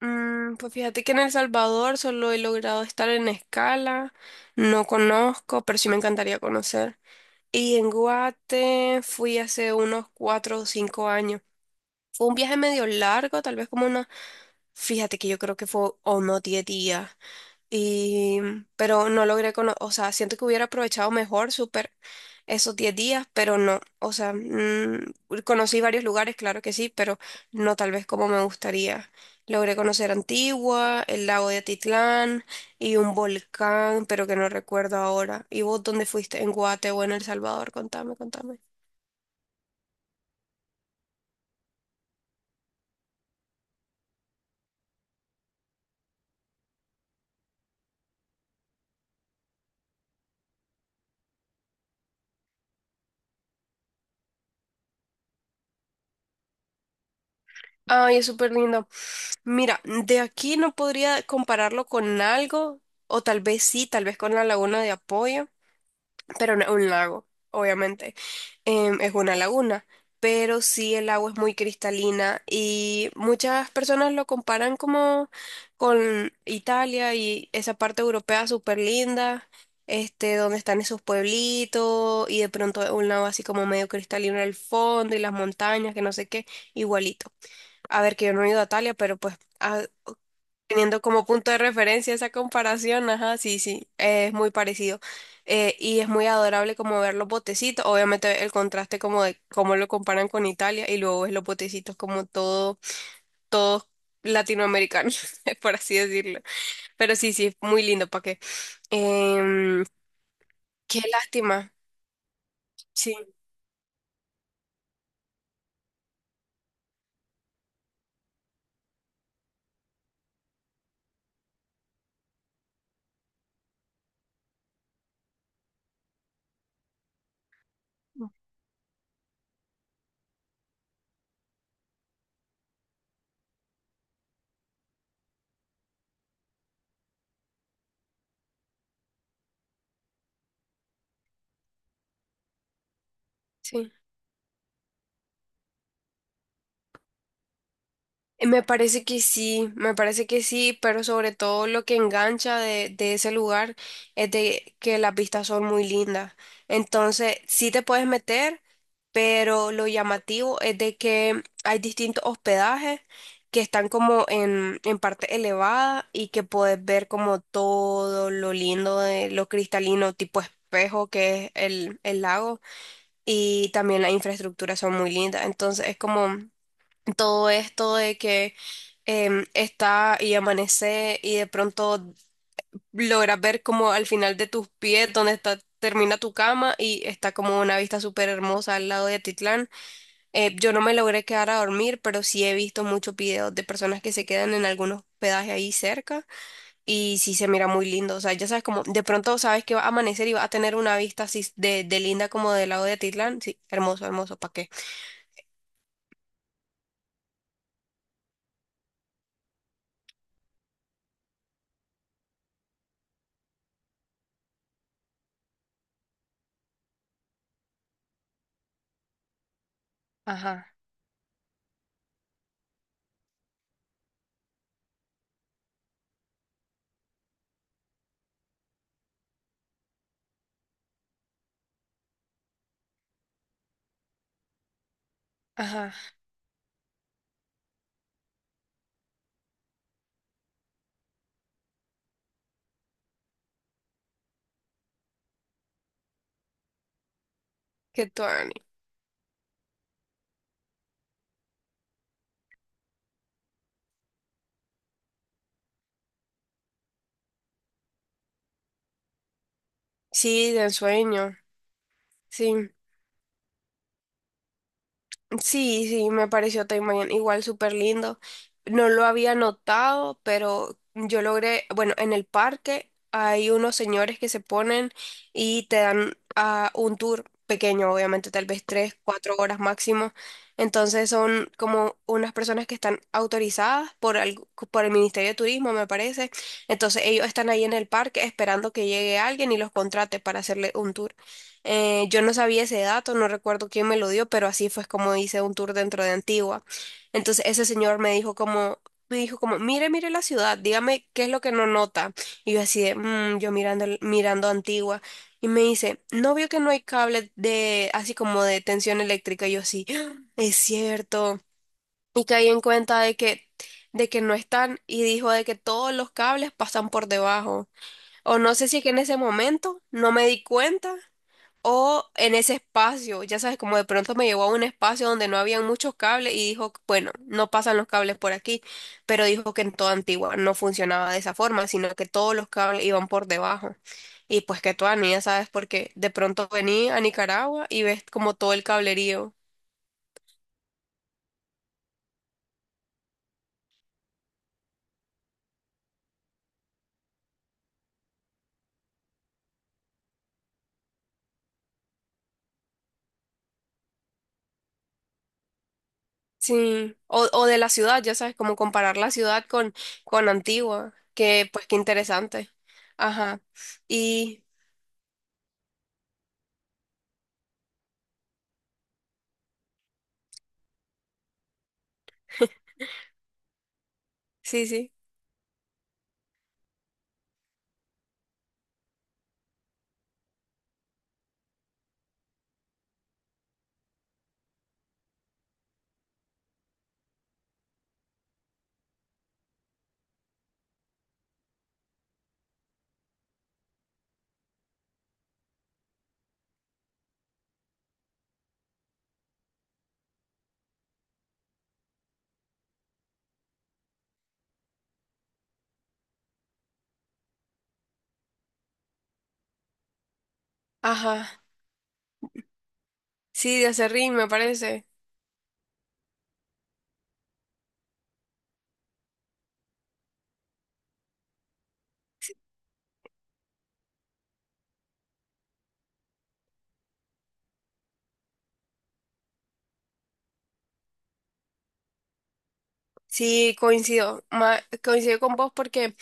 Pues fíjate que en El Salvador solo he logrado estar en Escala, no conozco, pero sí me encantaría conocer. Y en Guate fui hace unos 4 o 5 años. Fue un viaje medio largo, tal vez como fíjate que yo creo que fue unos 10 días. Y, pero no logré o sea, siento que hubiera aprovechado mejor súper esos 10 días, pero no, o sea, conocí varios lugares, claro que sí, pero no tal vez como me gustaría. Logré conocer Antigua, el lago de Atitlán y un volcán, pero que no recuerdo ahora. ¿Y vos dónde fuiste? ¿En Guate o en El Salvador? Contame, contame. Ay, es súper lindo. Mira, de aquí no podría compararlo con algo, o tal vez sí, tal vez con la Laguna de Apoyo, pero no es un lago, obviamente, es una laguna, pero sí el agua es muy cristalina y muchas personas lo comparan como con Italia y esa parte europea súper linda, donde están esos pueblitos y de pronto un lago así como medio cristalino al fondo y las montañas, que no sé qué, igualito. A ver, que yo no he ido a Italia, pero pues teniendo como punto de referencia esa comparación, ajá, sí, sí, es muy parecido. Y es muy adorable como ver los botecitos, obviamente el contraste como de cómo lo comparan con Italia y luego ves los botecitos como todo, todos latinoamericanos, por así decirlo. Pero sí, sí, es muy lindo, ¿para qué? Em, qué lástima, sí, sí. Me parece que sí, me parece que sí, pero sobre todo lo que engancha de ese lugar es de que las vistas son muy lindas. Entonces, sí te puedes meter, pero lo llamativo es de que hay distintos hospedajes que están como en parte elevada y que puedes ver como todo lo lindo de lo cristalino tipo espejo que es el lago y también las infraestructuras son muy lindas. Entonces, es como todo esto de que está y amanece y de pronto logras ver como al final de tus pies donde está, termina tu cama y está como una vista súper hermosa al lado de Atitlán. Yo no me logré quedar a dormir, pero sí he visto muchos videos de personas que se quedan en algunos hospedajes ahí cerca y sí se mira muy lindo. O sea, ya sabes como de pronto sabes que va a amanecer y va a tener una vista así de linda como del lado de Atitlán. Sí, hermoso, hermoso, ¿para qué? Ajá, ajá, qué tuanis. Sí, de sueño. Sí, sí, sí, me pareció Taimayan igual súper lindo. No lo había notado, pero yo logré, bueno, en el parque hay unos señores que se ponen y te dan un tour pequeño, obviamente, tal vez 3, 4 horas máximo. Entonces son como unas personas que están autorizadas por el, Ministerio de Turismo, me parece. Entonces ellos están ahí en el parque esperando que llegue alguien y los contrate para hacerle un tour. Yo no sabía ese dato, no recuerdo quién me lo dio, pero así fue como hice un tour dentro de Antigua. Entonces ese señor me dijo como, mire, mire la ciudad, dígame qué es lo que no nota. Y yo así de, "Mm", yo mirando, mirando Antigua. Y me dice, ¿no vio que no hay cable de, así como de tensión eléctrica? Y yo así, "Ah, es cierto". Y caí en cuenta de que no están. Y dijo de que todos los cables pasan por debajo. O no sé si es que en ese momento no me di cuenta o en ese espacio, ya sabes, como de pronto me llevó a un espacio donde no habían muchos cables y dijo, bueno, no pasan los cables por aquí, pero dijo que en toda Antigua no funcionaba de esa forma, sino que todos los cables iban por debajo. Y pues que tú, Ani, ya sabes, porque de pronto vení a Nicaragua y ves como todo el cablerío. Sí, o de la ciudad, ya sabes, como comparar la ciudad con Antigua, que pues qué interesante. Ajá, y sí, sí, ajá, sí, de Aserrín me parece. Sí, coincido, coincido con vos porque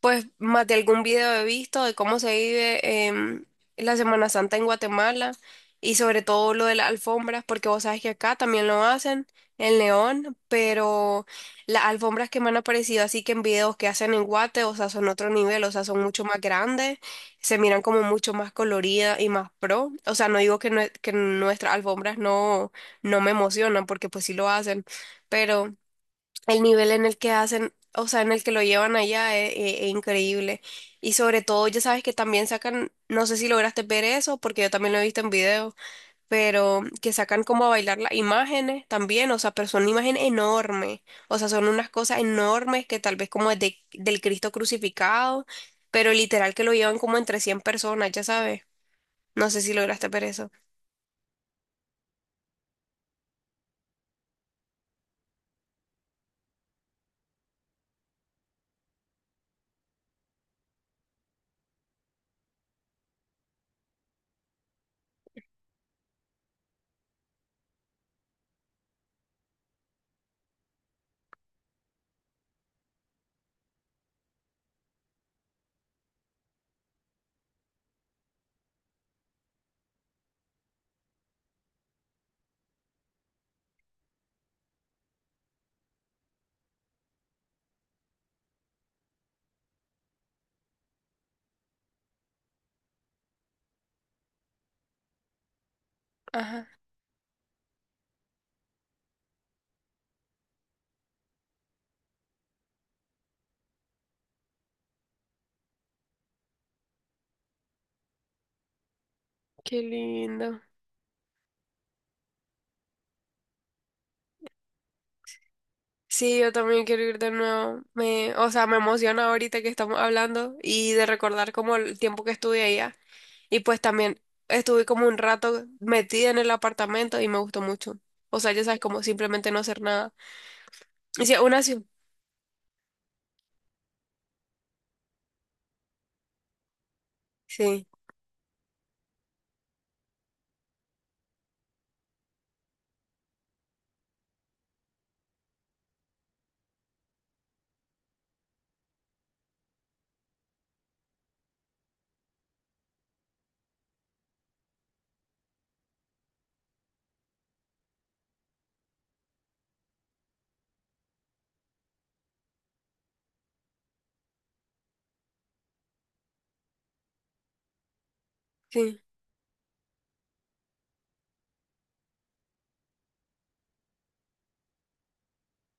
pues más de algún video he visto de cómo se vive la Semana Santa en Guatemala y sobre todo lo de las alfombras, porque vos sabes que acá también lo hacen en León, pero las alfombras que me han aparecido así que en videos que hacen en Guate, o sea, son otro nivel, o sea, son mucho más grandes, se miran como mucho más coloridas y más pro, o sea, no digo que, que nuestras alfombras no, no me emocionan porque pues sí lo hacen, pero... El nivel en el que hacen, o sea, en el que lo llevan allá es increíble. Y sobre todo, ya sabes que también sacan, no sé si lograste ver eso, porque yo también lo he visto en video, pero que sacan como a bailar las imágenes también, o sea, pero son imágenes enormes, o sea, son unas cosas enormes que tal vez como es del Cristo crucificado, pero literal que lo llevan como entre 100 personas, ya sabes. No sé si lograste ver eso. Ajá, qué lindo. Sí, yo también quiero ir de nuevo. Me, o sea, me emociona ahorita que estamos hablando y de recordar como el tiempo que estuve allá. Y pues también estuve como un rato metida en el apartamento y me gustó mucho. O sea, ya sabes, como simplemente no hacer nada. Y sí, una ciudad. Sí, sí.